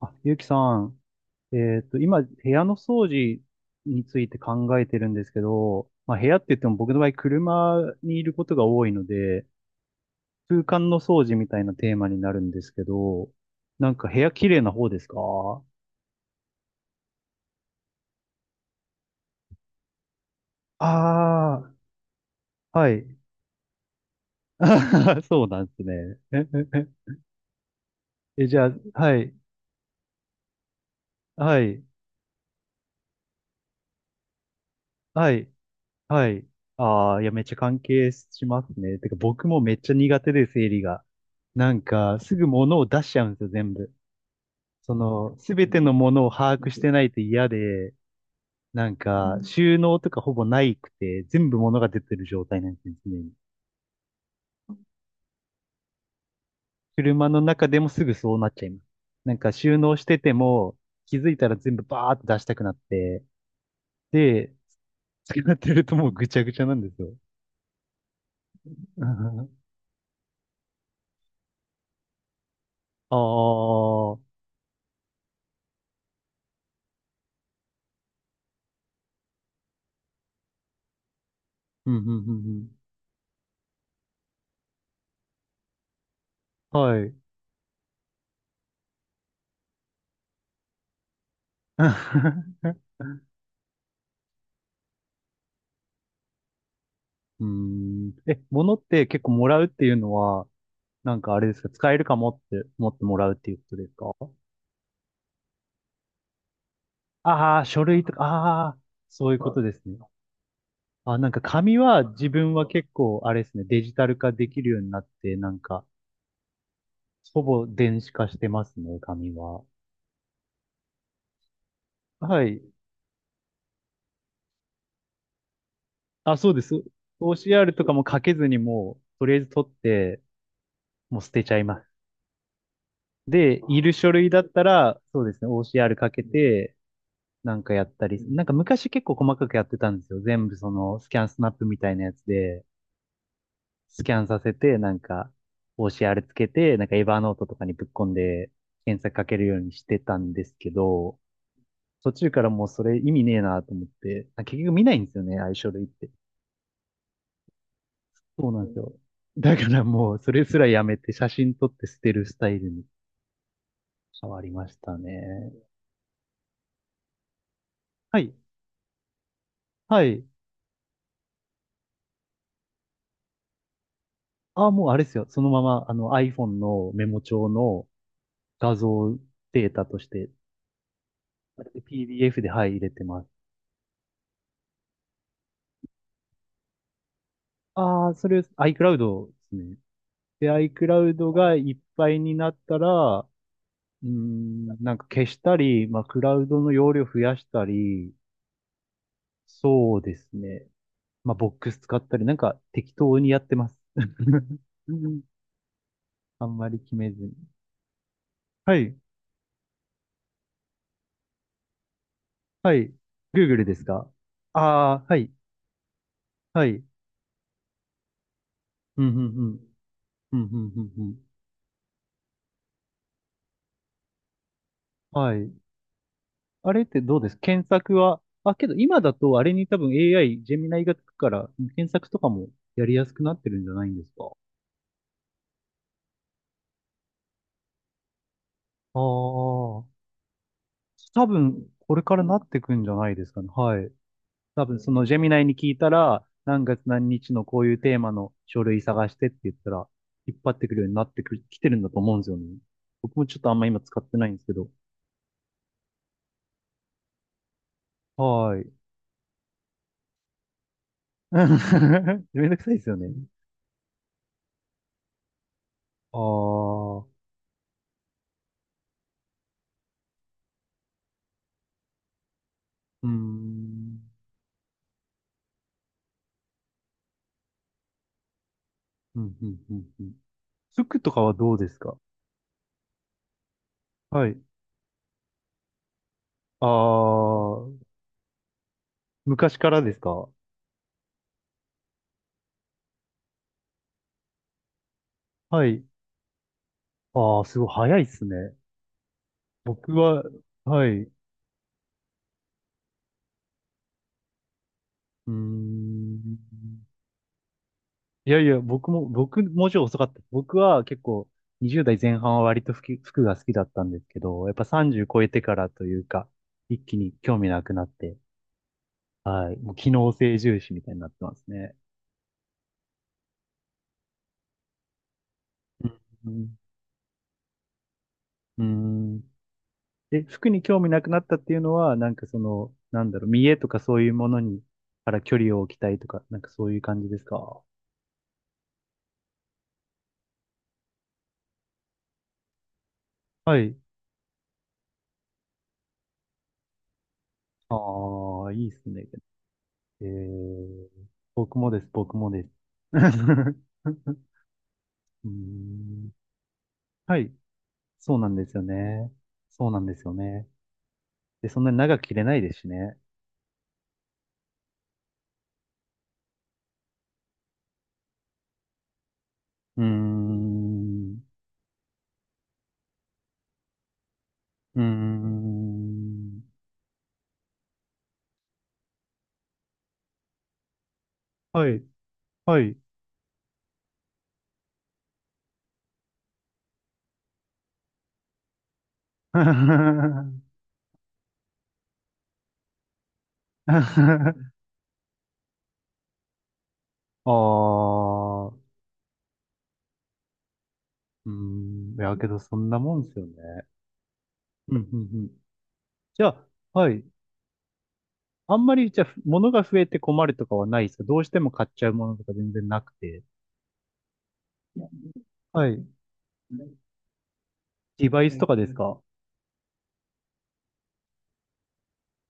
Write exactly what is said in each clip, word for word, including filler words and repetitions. あ、ゆうきさん、えっと、今、部屋の掃除について考えてるんですけど、まあ、部屋って言っても僕の場合、車にいることが多いので、空間の掃除みたいなテーマになるんですけど、なんか部屋綺麗な方ですか？ああー、はい。そうなんですね。え、じゃあ、はい、はい、はい、はい。ああ、いや、めっちゃ関係しますね。てか、僕もめっちゃ苦手で、整理が。なんか、すぐ物を出しちゃうんですよ、全部。その、すべてのものを把握してないと嫌で、なんか、収納とかほぼないくて、全部物が出てる状態なんですね、常に。車の中でもすぐそうなっちゃいます。なんか、収納してても、気づいたら全部バーって出したくなって、で、使ってるともうぐちゃぐちゃなんですよ。ああ、うん、うん、うん、うん。はい。うーん。え、物って結構もらうっていうのは、なんかあれですか、使えるかもって思ってもらうっていうことですか？ああ、書類とか、ああ、そういうまことですね。あ、なんか紙は自分は結構、あれですね、デジタル化できるようになって、なんか、ほぼ電子化してますね、紙は。はい。あ、そうです。オーシーアール とかも書けずにもう、とりあえず取って、もう捨てちゃいます。で、いる書類だったら、そうですね、オーシーアール かけて、なんかやったり、なんか昔結構細かくやってたんですよ。全部その、スキャンスナップみたいなやつで。スキャンさせて、なんか、オーシーアール つけて、なんかエヴァーノートとかにぶっ込んで、検索かけるようにしてたんですけど、途中からもうそれ意味ねえなと思って、あ結局見ないんですよね、相あ書類って。そうなんですよ。だからもう、それすらやめて、写真撮って捨てるスタイルに変わりましたね。はい。はい。あ、もうあれですよ。そのまま、あの iPhone のメモ帳の画像データとして、ピーディーエフ で、はい、入れてます。ああ、それ iCloud ですね。で、iCloud がいっぱいになったら、うーん、なんか消したり、まあ、クラウドの容量増やしたり、そうですね。まあ、ボックス使ったり、なんか適当にやってます。うん、あんまり決めずに。はい、はい。Google ですか？ああー、はい、はい。うん、うん、うん。うん、うん、うん、うん。はい。あれってどうです検索は、あ、けど今だとあれに多分 エーアイ、ジェミナイがつくから、検索とかもやりやすくなってるんじゃないんですか？ああ、多分、これからなってくんじゃないですかね。はい。多分、そのジェミナイに聞いたら、何月何日のこういうテーマの書類探してって言ったら、引っ張ってくるようになってくる、来てるんだと思うんですよね。僕もちょっとあんま今使ってないんですけど。はい。めんどくさいですよね。ああ、うーん。うん、うん、うん、うん。服とかはどうですか？はい。ああ、昔からですか？はい。ああ、すごい早いっすね。僕は、はい。うーん。いやいや、僕も、僕、もうちょい遅かった。僕は結構、にじゅうだい代前半は割と服、服が好きだったんですけど、やっぱさんじゅう超えてからというか、一気に興味なくなって、はい。もう機能性重視みたいになってますね。うん。うん。うん。で、服に興味なくなったっていうのは、なんかその、なんだろう、見栄とかそういうものに、から距離を置きたいとか、なんかそういう感じですか？はい。ああ、いいっすね。えー、僕もです、僕もです。うーん、はい、そうなんですよね。そうなんですよね。で、そんなに長く切れないですしね。うーん、うーん、はい、はい。ああ、うーん、いや、けどそんなもんですよね。うん、うん、うん。じゃあ、はい。あんまり、じゃあ、物が増えて困るとかはないですか？どうしても買っちゃうものとか全然なくて。はい。デバイスとかですか？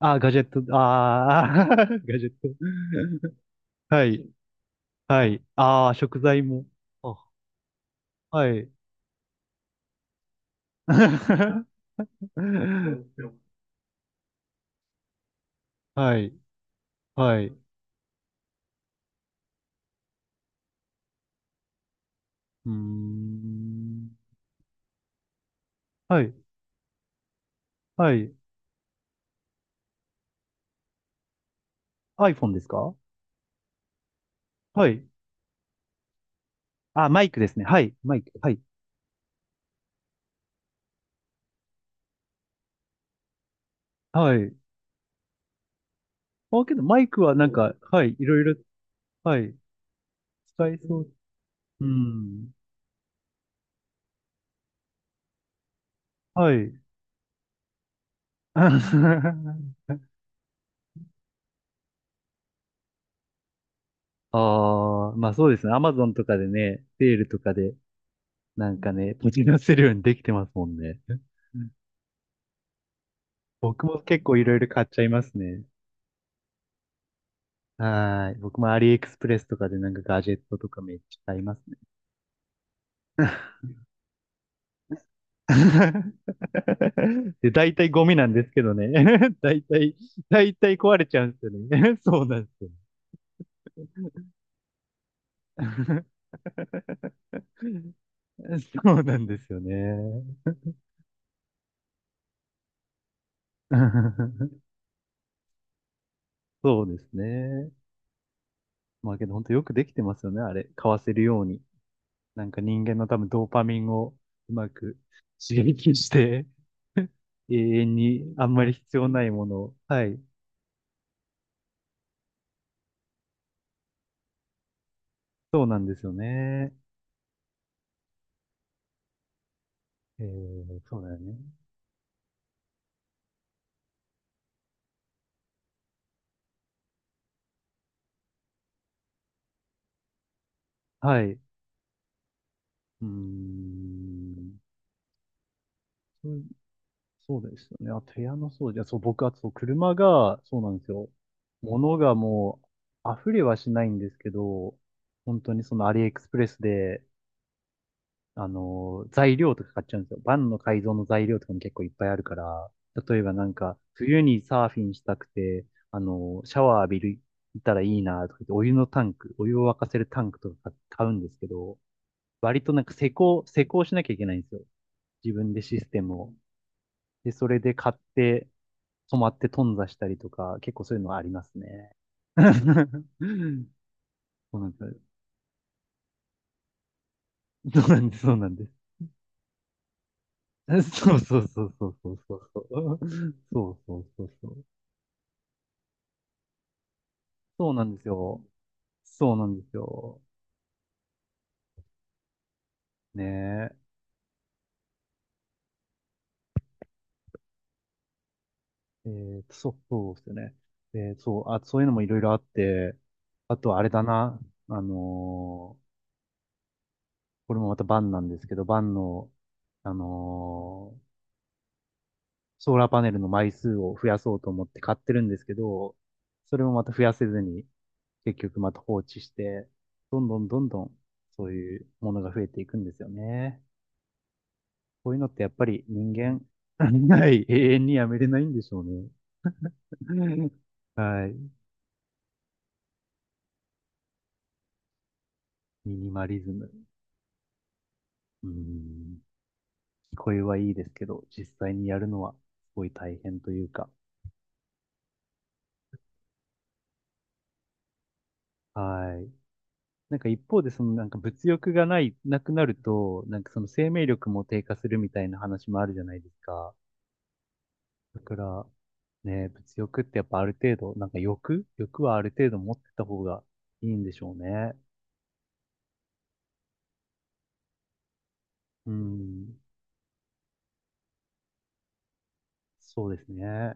あー、ガジェット、ああ、ガジェット。はい。はい。ああ、食材も。あ、はい。はい。はい。うーん。はい。はい。iPhone ですか？はい。あ、マイクですね。はい。マイク。はい。はい。あ、けどマイクはなんか、はい。いろいろ、はい。使えそう。うん。はい。ああ、まあそうですね。アマゾンとかでね、セールとかで、なんかね、持ち出せるようにできてますもんね。うん、僕も結構いろいろ買っちゃいますね。はーい。僕もアリエクスプレスとかでなんかガジェットとかめっちゃ買いますね。で、大体ゴミなんですけどね。大体、大体壊れちゃうんですよね。そうなんですよ。そうなんですよね。そうですね。まあけど本当よくできてますよね。あれ、買わせるように。なんか人間の多分ドーパミンをうまく刺激して、永遠にあんまり必要ないものを。はい。そうなんですよね。えー、そうだよね。はい。うーん。そう、そうですよね。あと部屋の掃除。あそう、僕、あとそう車が、そうなんですよ。物がもう、溢れはしないんですけど、本当にそのアリエクスプレスで、あの、材料とか買っちゃうんですよ。バンの改造の材料とかも結構いっぱいあるから、例えばなんか、冬にサーフィンしたくて、あの、シャワー浴びる、いたらいいなとか言って、お湯のタンク、お湯を沸かせるタンクとか買うんですけど、割となんか施工、施工しなきゃいけないんですよ。自分でシステムを。で、それで買って、止まって頓挫したりとか、結構そういうのはありますね。そうなんです。そうなんです。そうなんです。 そうそうそうそうそうそうそう。そうそうそうそう。そうなんですよ。そうなんですよ。ねえ。えーと、そう、そうですよね。えーそう、あ、そういうのもいろいろあって、あとあれだな。あのーこれもまたバンなんですけど、バンの、あのーソーラーパネルの枚数を増やそうと思って買ってるんですけど、それもまた増やせずに、結局また放置して、どんどんどんどん、そういうものが増えていくんですよね。こういうのってやっぱり人間、ない、永遠にやめれないんでしょうね。はい。ミニマリズム。うーん。聞こえはいいですけど、実際にやるのはすごい大変というか。はい。なんか一方で、そのなんか物欲がない、なくなると、なんかその生命力も低下するみたいな話もあるじゃないですか。だから、ね、物欲ってやっぱある程度、なんか欲欲はある程度持ってた方がいいんでしょうね。うん。そうですね。